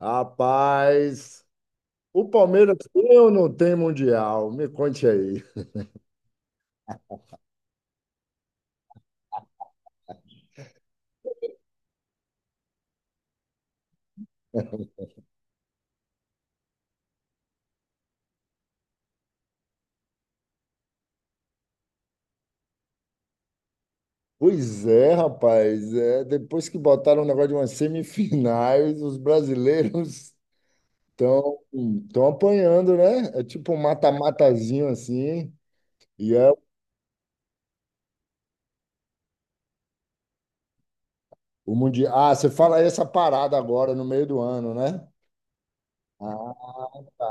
Rapaz, o Palmeiras tem ou não tem Mundial? Me conte aí. Pois é, rapaz. É, depois que botaram o negócio de umas semifinais, os brasileiros estão apanhando, né? É tipo um mata-matazinho assim. E é o Mundial. Ah, você fala essa parada agora, no meio do ano, né? Ah, tá.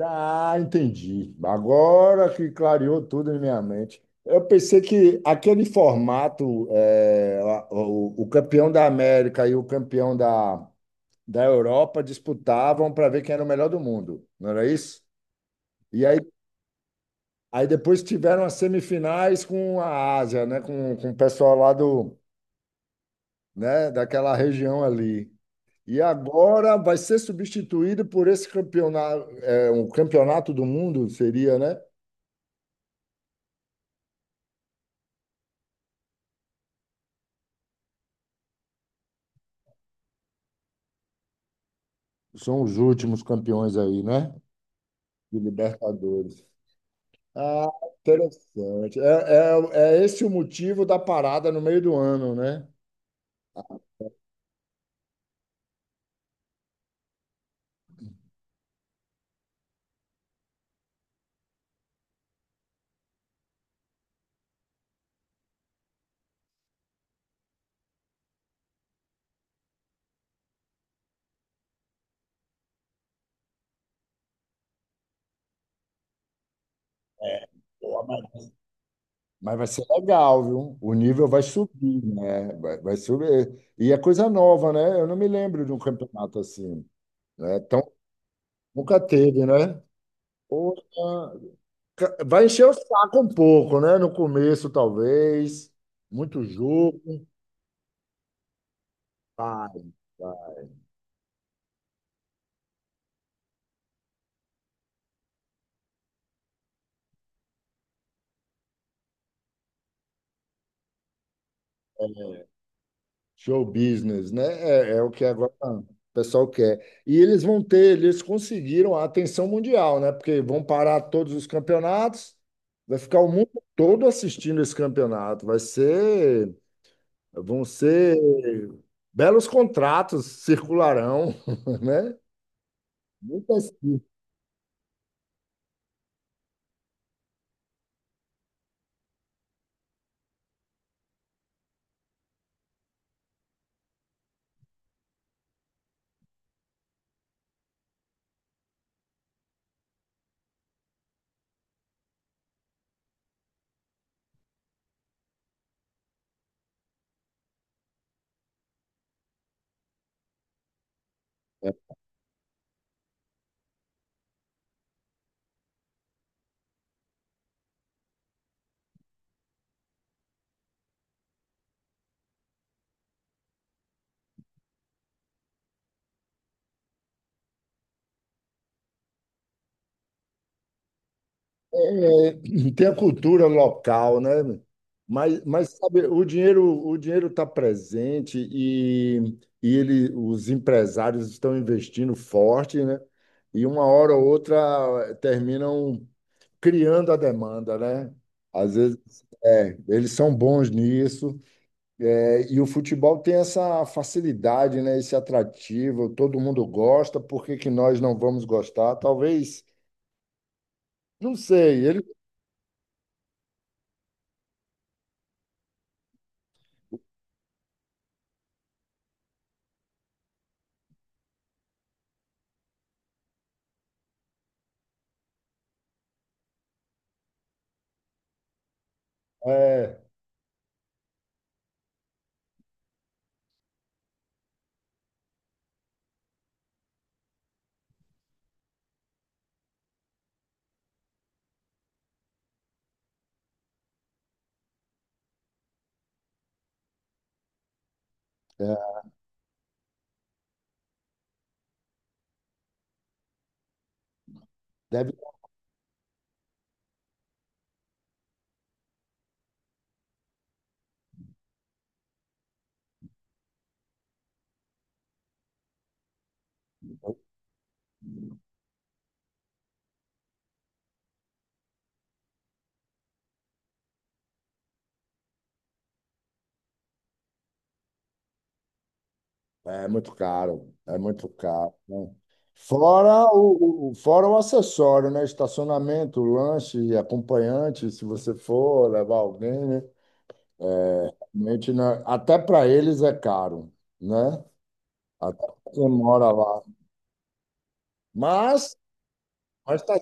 Ah, entendi. Agora que clareou tudo em minha mente. Eu pensei que aquele formato, o campeão da América e o campeão da, Europa disputavam para ver quem era o melhor do mundo, não era isso? E aí, depois tiveram as semifinais com a Ásia, né? Com, o pessoal lá do, né? Daquela região ali. E agora vai ser substituído por esse campeonato, um campeonato do mundo, seria, né? São os últimos campeões aí, né? De Libertadores. Ah, interessante. É esse o motivo da parada no meio do ano, né? É. Pô, mas vai ser legal, viu? O nível vai subir, né? Vai subir. E é coisa nova, né? Eu não me lembro de um campeonato assim. Né? Então, nunca teve, né? Poxa, vai encher o saco um pouco, né? No começo, talvez. Muito jogo. Vai. Vai. É. Show business, né? É o que agora o pessoal quer. E eles conseguiram a atenção mundial, né? Porque vão parar todos os campeonatos, vai ficar o mundo todo assistindo esse campeonato. Vão ser belos contratos circularão, né? Muitas. É, tem a cultura local, né? Mas, sabe, o dinheiro está presente e, ele, os empresários estão investindo forte, né? E uma hora ou outra terminam criando a demanda, né? Às vezes, eles são bons nisso. É, e o futebol tem essa facilidade, né? Esse atrativo, todo mundo gosta, por que que nós não vamos gostar? Talvez, não sei, ele é, é, deve. É muito caro, é muito caro, né? Fora o acessório, né? Estacionamento, lanche, acompanhante, se você for levar alguém, né? Realmente, né? Até para eles é caro, né? Até pra quem mora lá. Mas, mas,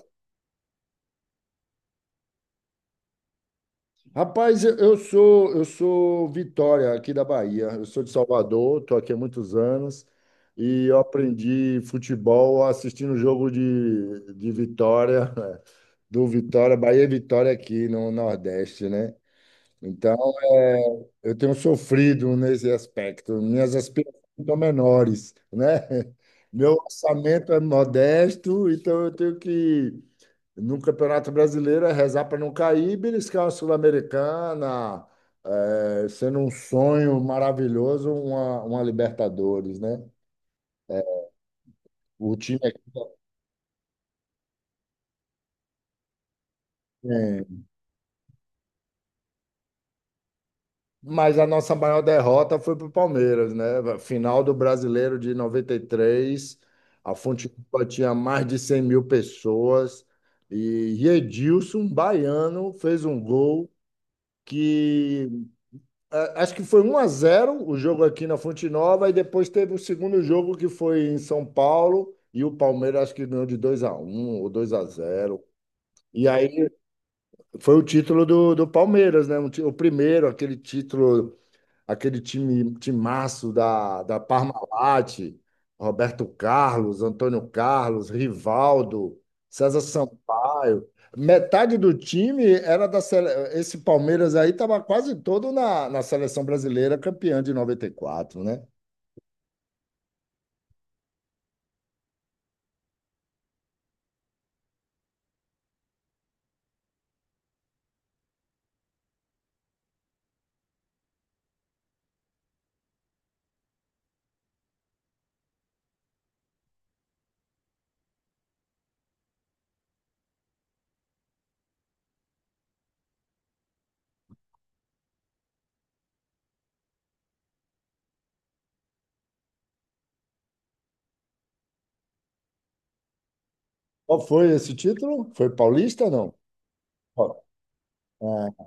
rapaz, eu sou Vitória aqui da Bahia. Eu sou de Salvador, estou aqui há muitos anos e eu aprendi futebol assistindo o jogo de, Vitória. Do Vitória, Bahia e Vitória aqui no Nordeste, né? Então, é, eu tenho sofrido nesse aspecto. Minhas aspirações são menores, né? Meu orçamento é modesto, então eu tenho que, no Campeonato Brasileiro, é rezar para não cair, e beliscar uma Sul-Americana, sendo um sonho maravilhoso, uma, Libertadores, né? O time aqui é. Mas a nossa maior derrota foi para o Palmeiras, né? Final do Brasileiro de 93, a Fonte Nova tinha mais de 100 mil pessoas e Edilson, baiano, fez um gol que acho que foi 1-0 o jogo aqui na Fonte Nova e depois teve o segundo jogo que foi em São Paulo e o Palmeiras acho que ganhou de 2-1 ou 2-0. E aí foi o título do, Palmeiras, né? O primeiro, aquele título, aquele time, timaço da, Parmalat, Roberto Carlos, Antônio Carlos, Rivaldo, César Sampaio. Metade do time era da sele... Esse Palmeiras aí estava quase todo na, seleção brasileira, campeã de noventa e quatro, né? Qual foi esse título? Foi paulista, não? Ó, é,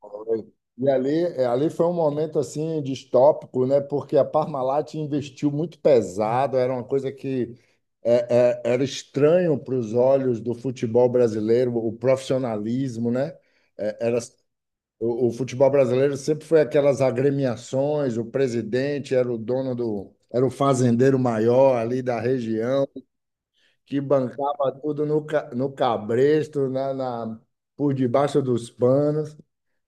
Foi. E ali, ali foi um momento assim distópico, né? Porque a Parmalat investiu muito pesado, era uma coisa que era estranho para os olhos do futebol brasileiro, o profissionalismo, né? Era, o futebol brasileiro sempre foi aquelas agremiações, o presidente era o dono do, era o fazendeiro maior ali da região que bancava tudo no cabresto, por debaixo dos panos,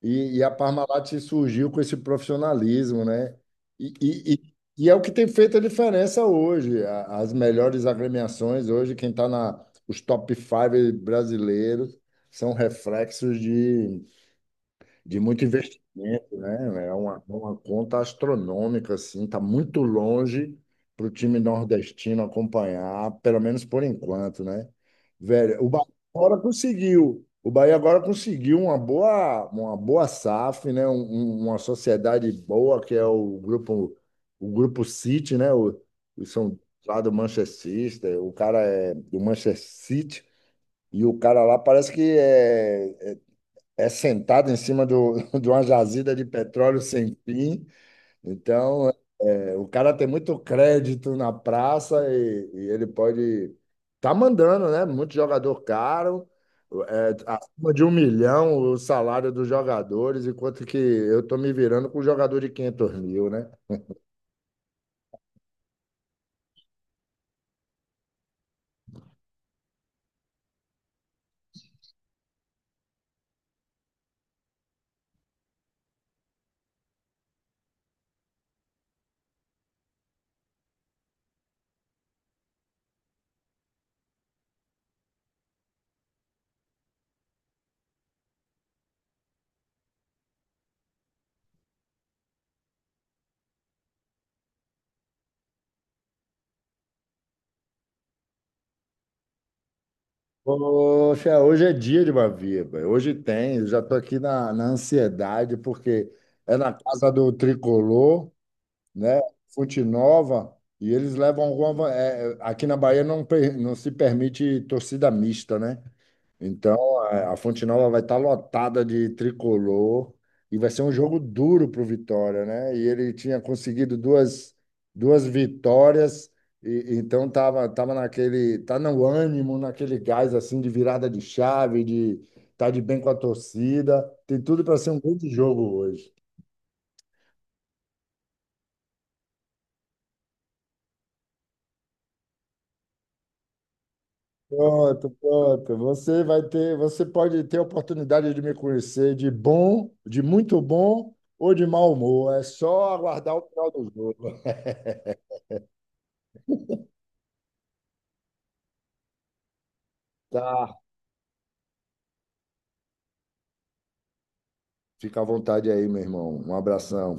e, a Parmalat se surgiu com esse profissionalismo, né? E, e- e- e é o que tem feito a diferença hoje. As melhores agremiações hoje, quem está na os top five brasileiros são reflexos de muito investimento, né? É uma conta astronômica, assim, está muito longe para o time nordestino acompanhar, pelo menos por enquanto, né? Velho, o Bahia agora conseguiu. O Bahia agora conseguiu uma boa SAF, né? Uma sociedade boa, que é o grupo City, né? O São lá do Manchester City, o cara é do Manchester City, e o cara lá parece que é sentado em cima do, de uma jazida de petróleo sem fim. Então, o cara tem muito crédito na praça e, ele pode tá mandando, né? Muito jogador caro, acima de um milhão o salário dos jogadores, enquanto que eu tô me virando com um jogador de 500 mil, né? Poxa, hoje é dia de Bavia, velho. Hoje tem, eu já tô aqui na, ansiedade, porque é na casa do Tricolor, né? Fonte Nova, e eles levam alguma. Aqui na Bahia não, não se permite torcida mista, né? Então a, Fonte Nova vai estar lotada de tricolor e vai ser um jogo duro para o Vitória, né? E ele tinha conseguido duas, vitórias. E então tava naquele, tá no ânimo, naquele gás assim de virada de chave, de tá de bem com a torcida, tem tudo para ser um grande jogo hoje. Pronto, pronto. Você vai ter, você pode ter a oportunidade de me conhecer de bom, de muito bom ou de mau humor. É só aguardar o final do jogo. Tá. Fica à vontade aí, meu irmão. Um abração.